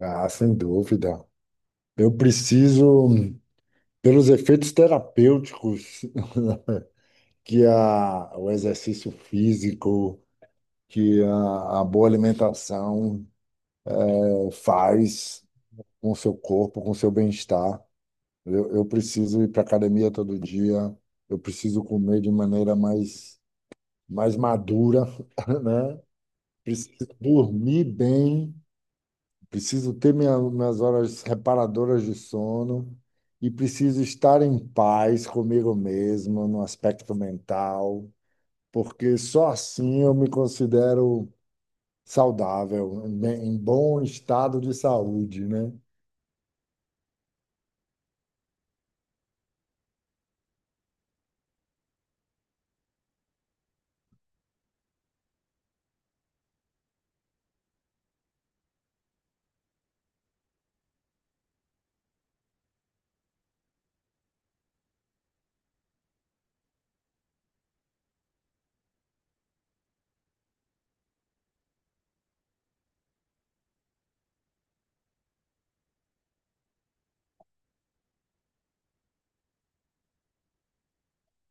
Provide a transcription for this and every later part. Ah, sem dúvida. Eu preciso, pelos efeitos terapêuticos que o exercício físico, a boa alimentação faz com o seu corpo, com o seu bem-estar. Eu preciso ir para academia todo dia, eu preciso comer de maneira mais, mais madura, né? Preciso dormir bem. Preciso ter minhas horas reparadoras de sono e preciso estar em paz comigo mesmo, no aspecto mental, porque só assim eu me considero saudável, em em bom estado de saúde, né?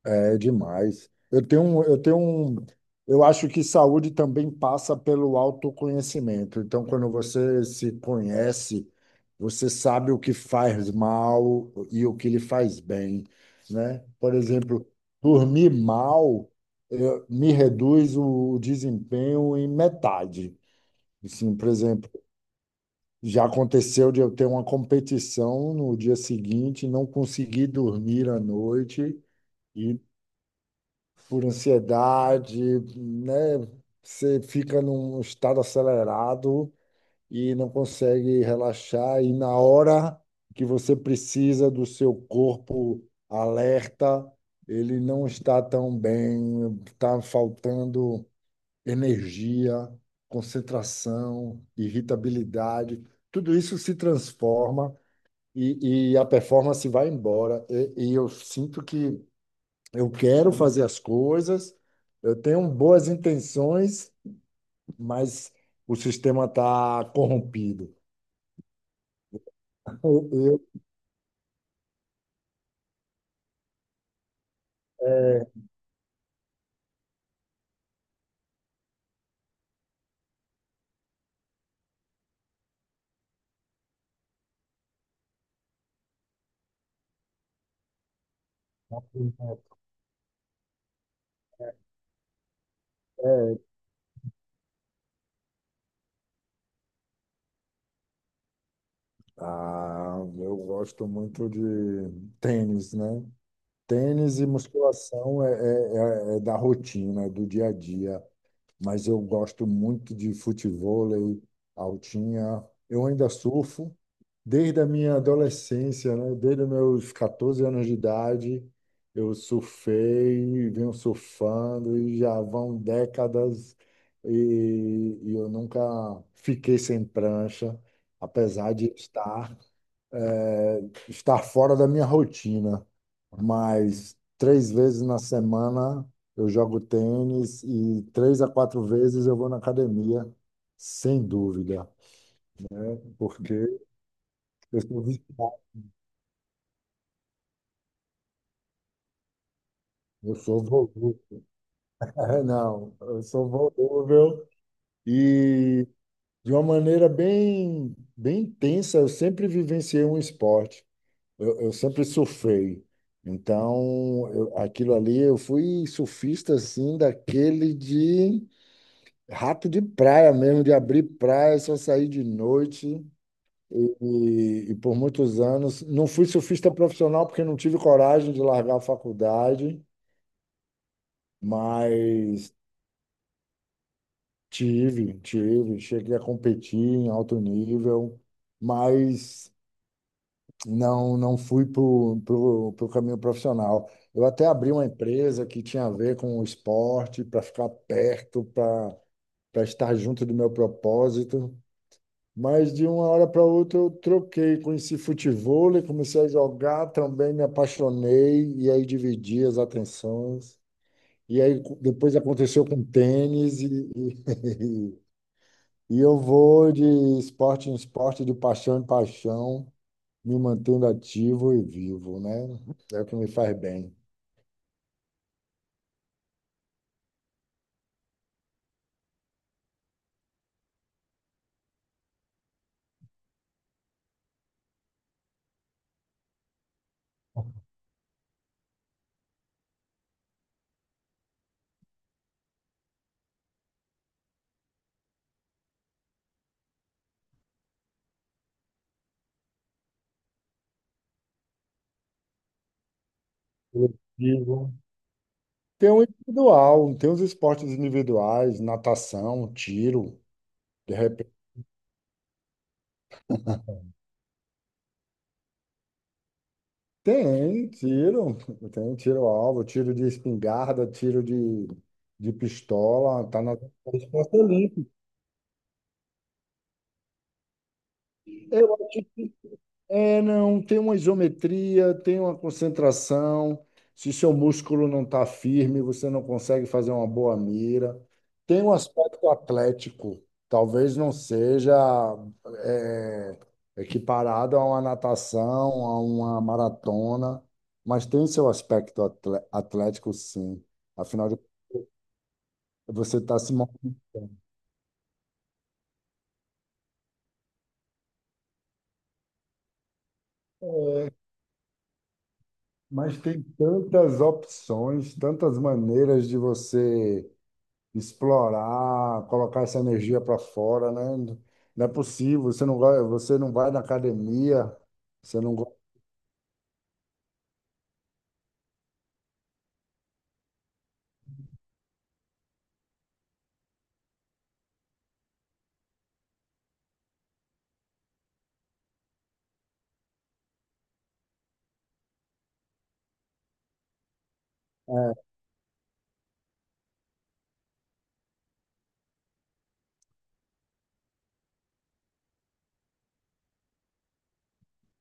É demais. Eu acho que saúde também passa pelo autoconhecimento. Então, quando você se conhece, você sabe o que faz mal e o que lhe faz bem, né? Por exemplo, dormir mal, me reduz o desempenho em metade. Assim, por exemplo, já aconteceu de eu ter uma competição no dia seguinte, não conseguir dormir à noite por ansiedade, né? Você fica num estado acelerado e não consegue relaxar, e na hora que você precisa do seu corpo alerta, ele não está tão bem, está faltando energia, concentração, irritabilidade. Tudo isso se transforma e a performance vai embora. E eu sinto que eu quero fazer as coisas, eu tenho boas intenções, mas o sistema está corrompido. Eu, eu- eu gosto muito de tênis, né? Tênis e musculação é da rotina, é do dia a dia. Mas eu gosto muito de futevôlei, altinha. Eu ainda surfo desde a minha adolescência, né? Desde os meus 14 anos de idade, eu surfei, venho surfando e já vão décadas e eu nunca fiquei sem prancha, apesar de estar é, estar fora da minha rotina, mas três vezes na semana eu jogo tênis e três a quatro vezes eu vou na academia, sem dúvida, porque eu sou viciado, eu sou volúvel. É, não, eu sou volúvel e de uma maneira bem intensa, eu sempre vivenciei um esporte. Eu sempre surfei. Então, aquilo ali, eu fui surfista assim, daquele de rato de praia mesmo, de abrir praia, só sair de noite. E por muitos anos, não fui surfista profissional porque não tive coragem de largar a faculdade, mas tive, cheguei a competir em alto nível, mas não fui para pro caminho profissional. Eu até abri uma empresa que tinha a ver com o esporte, para ficar perto, para estar junto do meu propósito. Mas de uma hora para outra eu troquei, conheci futevôlei, comecei a jogar também, me apaixonei, e aí dividi as atenções. E aí depois aconteceu com tênis, e eu vou de esporte em esporte, de paixão em paixão, me mantendo ativo e vivo, né? É o que me faz bem. Coletivo. Tem um individual, tem os esportes individuais, natação, tiro, de repente. Tem tiro, tem tiro-alvo, tiro de espingarda, tiro de pistola, tá na no esporte olímpico. Eu acho que É, não, tem uma isometria, tem uma concentração. Se seu músculo não está firme, você não consegue fazer uma boa mira. Tem um aspecto atlético, talvez não seja é, equiparado a uma natação, a uma maratona, mas tem seu aspecto atlético, sim. Afinal, de- você está se mo- é, mas tem tantas opções, tantas maneiras de você explorar, colocar essa energia para fora, né? Não é possível, você não vai na academia, você não go-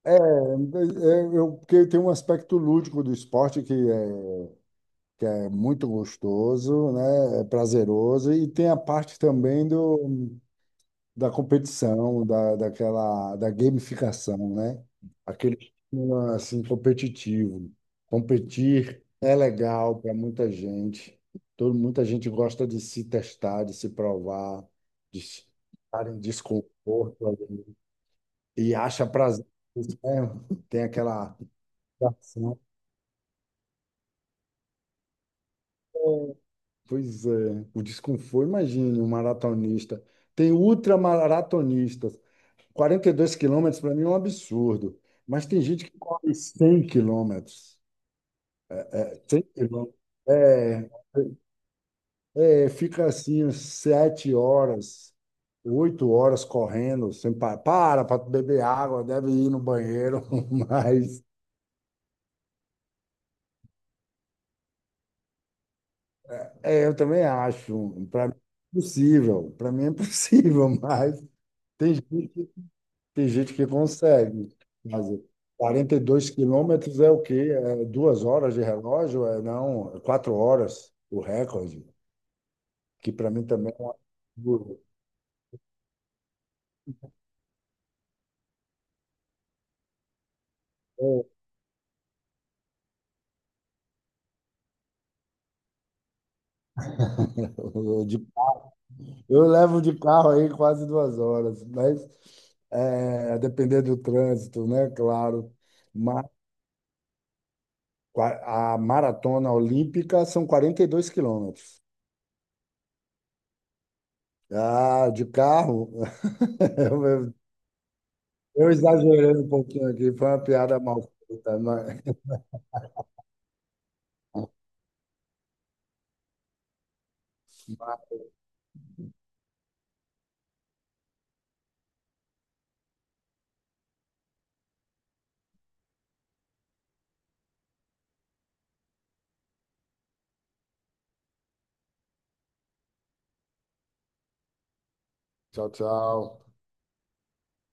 É, é, porque tem um aspecto lúdico do esporte que é muito gostoso, né? É prazeroso, e tem a parte também do da competição, da gamificação, né? Aquele clima, assim, competitivo. Competir é legal para muita gente. Muita gente gosta de se testar, de se provar, de estar em desconforto ali, e acha prazer nisso, né? Tem aquela ação. Pois é, o desconforto, imagine um maratonista. Tem ultramaratonistas. 42 km para mim é um absurdo, mas tem gente que corre 100 km. 100 km. É, fica assim, uns 7 horas, 8 horas correndo, sem para beber água, deve ir no banheiro, mas é, eu também acho, para mim é possível, mas tem gente tem gente que consegue fazer. 42 km é o quê? É 2 horas de relógio? É, não, é 4 horas o recorde, que para mim também é um absurdo. É, Eu, de- eu levo de carro aí quase 2 horas, mas é, a depender do trânsito, né? Claro. Mas qua- a maratona olímpica são 42 km. Ah, de carro, eu, eu exagerei um pouquinho aqui, foi uma piada mal feita. Mas tchau, tchau.